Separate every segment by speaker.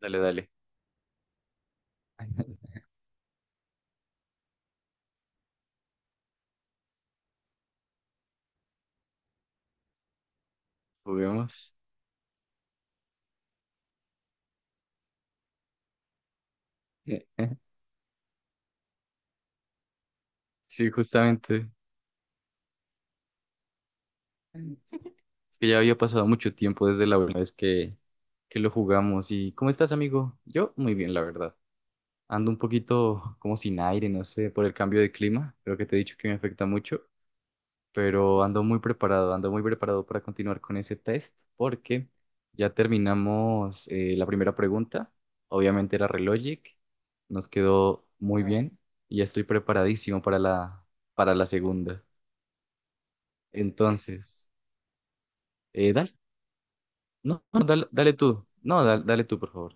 Speaker 1: Dale, dale, juguemos. Sí, justamente. Es que ya había pasado mucho tiempo desde la última vez que lo jugamos. ¿Y cómo estás, amigo? Yo muy bien, la verdad. Ando un poquito como sin aire, no sé, por el cambio de clima. Creo que te he dicho que me afecta mucho, pero ando muy preparado para continuar con ese test porque ya terminamos la primera pregunta. Obviamente era Relogic, nos quedó muy bien y ya estoy preparadísimo para para la segunda. Entonces, dale, no, no, dale, dale tú, no, dale, tú, por favor.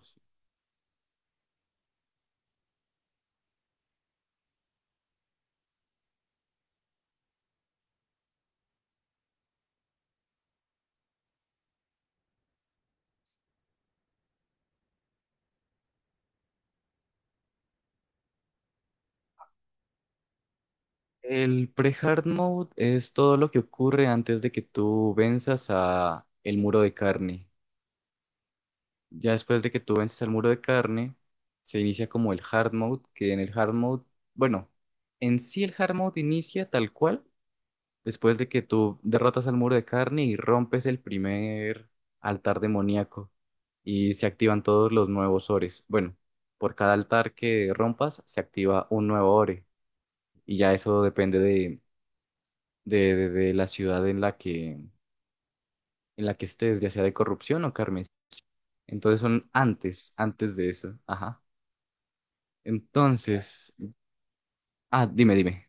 Speaker 1: El pre-hard mode es todo lo que ocurre antes de que tú venzas a el muro de carne. Ya después de que tú vences al muro de carne, se inicia como el hard mode, que en el hard mode, bueno, en sí el hard mode inicia tal cual después de que tú derrotas al muro de carne y rompes el primer altar demoníaco y se activan todos los nuevos ores. Bueno, por cada altar que rompas se activa un nuevo ore y ya eso depende de la ciudad en la en la que estés, ya sea de corrupción o carmes. Entonces son antes, antes de eso. Ajá. Entonces, ah, dime, dime.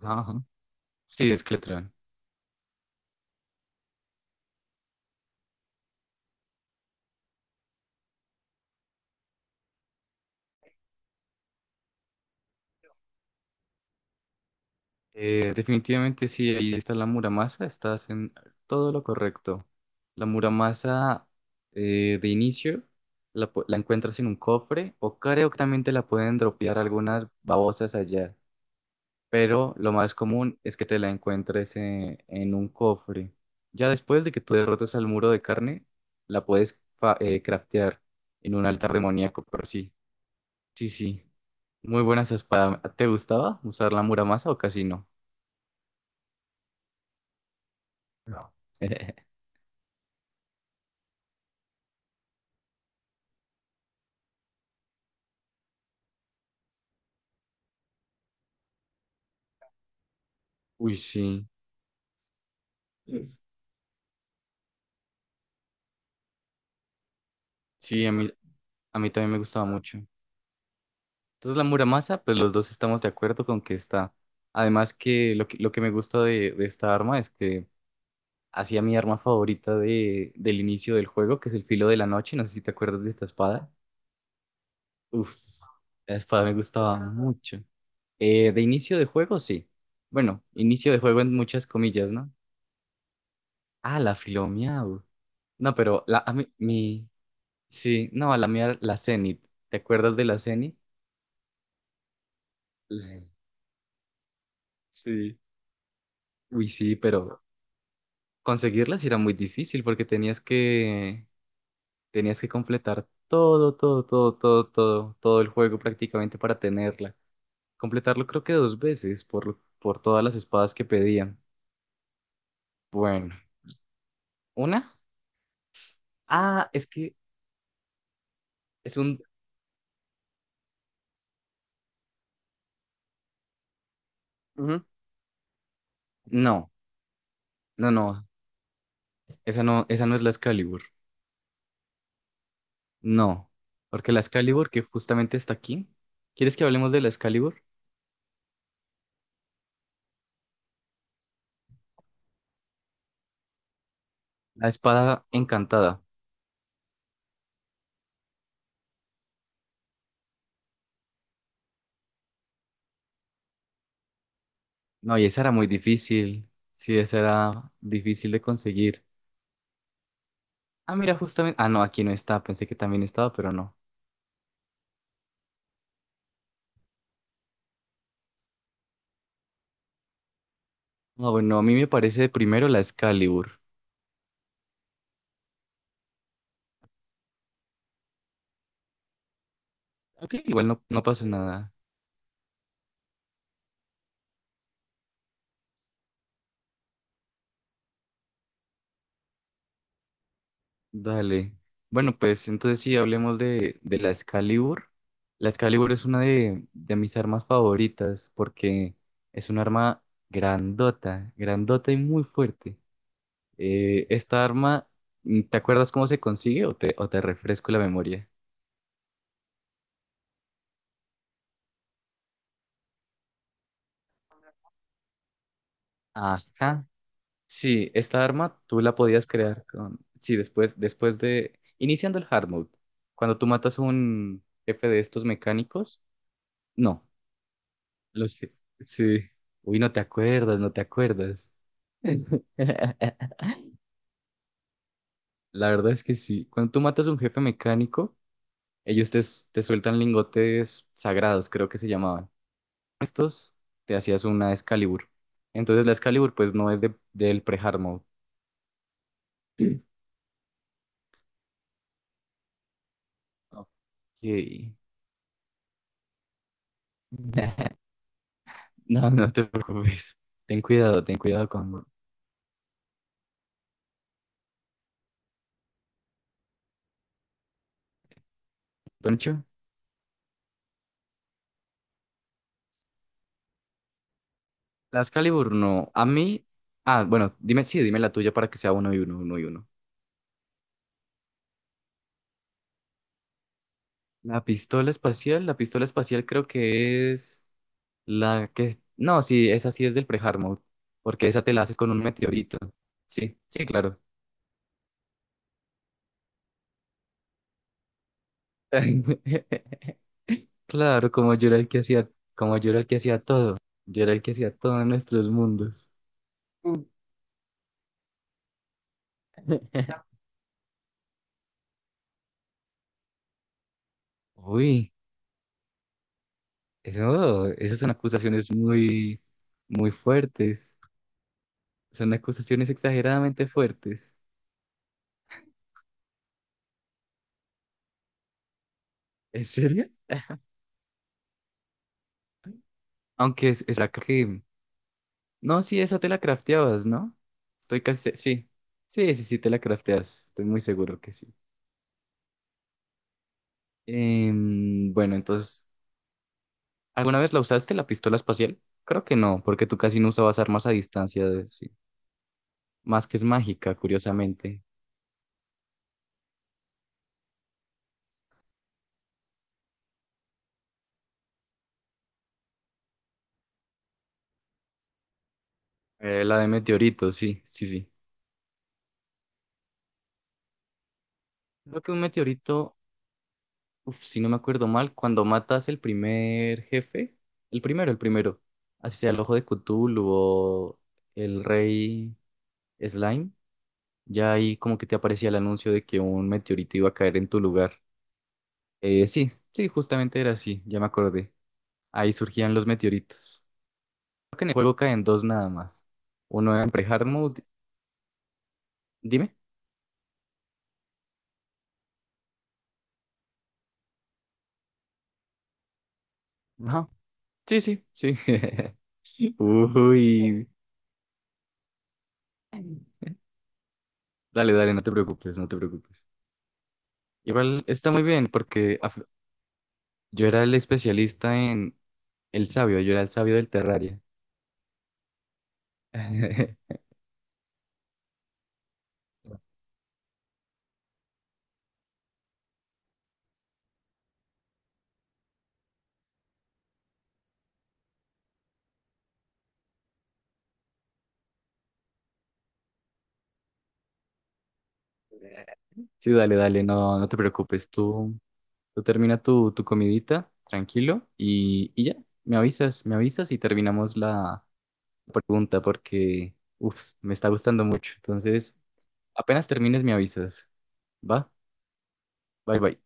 Speaker 1: Ajá, ajá. Sí, es que definitivamente sí, ahí está la Muramasa, estás en todo lo correcto. La Muramasa, de inicio la encuentras en un cofre o creo que también te la pueden dropear algunas babosas allá, pero lo más común es que te la encuentres en un cofre. Ya después de que tú derrotas al muro de carne, la puedes craftear en un altar demoníaco, pero sí, sí, sí. Muy buenas espadas. ¿Te gustaba usar la Muramasa o casi no? No. Uy, sí. Mm. Sí, a mí también me gustaba mucho. Entonces la Muramasa, pues los dos estamos de acuerdo con que está. Además que lo que, lo que me gusta de esta arma es que hacía mi arma favorita de, del inicio del juego, que es el filo de la noche. No sé si te acuerdas de esta espada. Uf, la espada me gustaba mucho. De inicio de juego, sí. Bueno, inicio de juego en muchas comillas, ¿no? Ah, la Filomiau. No, pero la, a mí- mi, sí, no, a la mía, la Zenith. ¿Te acuerdas de la Zenith? Sí. Sí. Uy, sí, pero conseguirlas era muy difícil porque tenías que completar todo, todo, todo, todo, todo, todo el juego prácticamente para tenerla. Completarlo creo que dos veces por todas las espadas que pedían. Bueno, una. Ah, es que es un Ujú. No, no, no. Esa no, esa no es la Excalibur. No. Porque la Excalibur que justamente está aquí. ¿Quieres que hablemos de la Excalibur? La espada encantada. No, y esa era muy difícil. Sí, esa era difícil de conseguir. Ah, mira, justamente. Ah, no, aquí no está. Pensé que también estaba, pero no. Ah, bueno, a mí me parece primero la Excalibur. Ok, igual no, no pasa nada. Dale. Bueno, pues entonces sí, hablemos de la Excalibur. La Excalibur es una de mis armas favoritas porque es un arma grandota, grandota y muy fuerte. Esta arma, ¿te acuerdas cómo se consigue o te refresco la memoria? Ajá. Sí, esta arma tú la podías crear con... Sí, después, después de... Iniciando el hard mode, cuando tú matas un jefe de estos mecánicos, no, los... que- sí. Uy, no te acuerdas, no te acuerdas. La verdad es que sí. Cuando tú matas a un jefe mecánico, ellos te, te sueltan lingotes sagrados, creo que se llamaban. Estos te hacías una Excalibur. Entonces la Excalibur pues no es del pre-hard mode. Ok. No, no te preocupes. Ten cuidado con Poncho. Las Calibur no. A mí. Ah, bueno, dime, sí, dime la tuya para que sea uno y uno, uno y uno. La pistola espacial creo que es la que. No, sí, esa sí es del pre porque esa te la haces con un meteorito. Sí, sí, claro. Claro, como yo era el que hacía todo. Yo era el que hacía todo en nuestros mundos. Uy. Eso, esas son acusaciones muy, muy fuertes. Son acusaciones exageradamente fuertes. ¿En serio? Aunque es verdad que... No, sí, esa te la crafteabas, ¿no? Estoy casi... Sí. Sí, sí, sí, te la crafteas. Estoy muy seguro que sí. Bueno, entonces... ¿Alguna vez la usaste, la pistola espacial? Creo que no, porque tú casi no usabas armas a distancia, de- sí. Más que es mágica, curiosamente. La de meteorito, sí, sí, sí. Creo que un meteorito Uf, si no me acuerdo mal, cuando matas el primer jefe, el primero, así sea el ojo de Cthulhu o el rey Slime, ya ahí como que te aparecía el anuncio de que un meteorito iba a caer en tu lugar. Sí, sí, justamente era así, ya me acordé. Ahí surgían los meteoritos. Creo que en el juego caen dos nada más. Uno en pre-hard mode. Dime. Ajá. Sí, sí, sí. Uy. Dale, dale, no te preocupes, no te preocupes. Igual está muy bien porque a, yo era el especialista en el sabio, yo era el sabio del Terraria. Sí, dale, dale, no, no te preocupes, tú, tu comidita, tranquilo, y ya, me avisas y terminamos la pregunta porque, uff, me está gustando mucho. Entonces, apenas termines, me avisas. ¿Va? Bye, bye.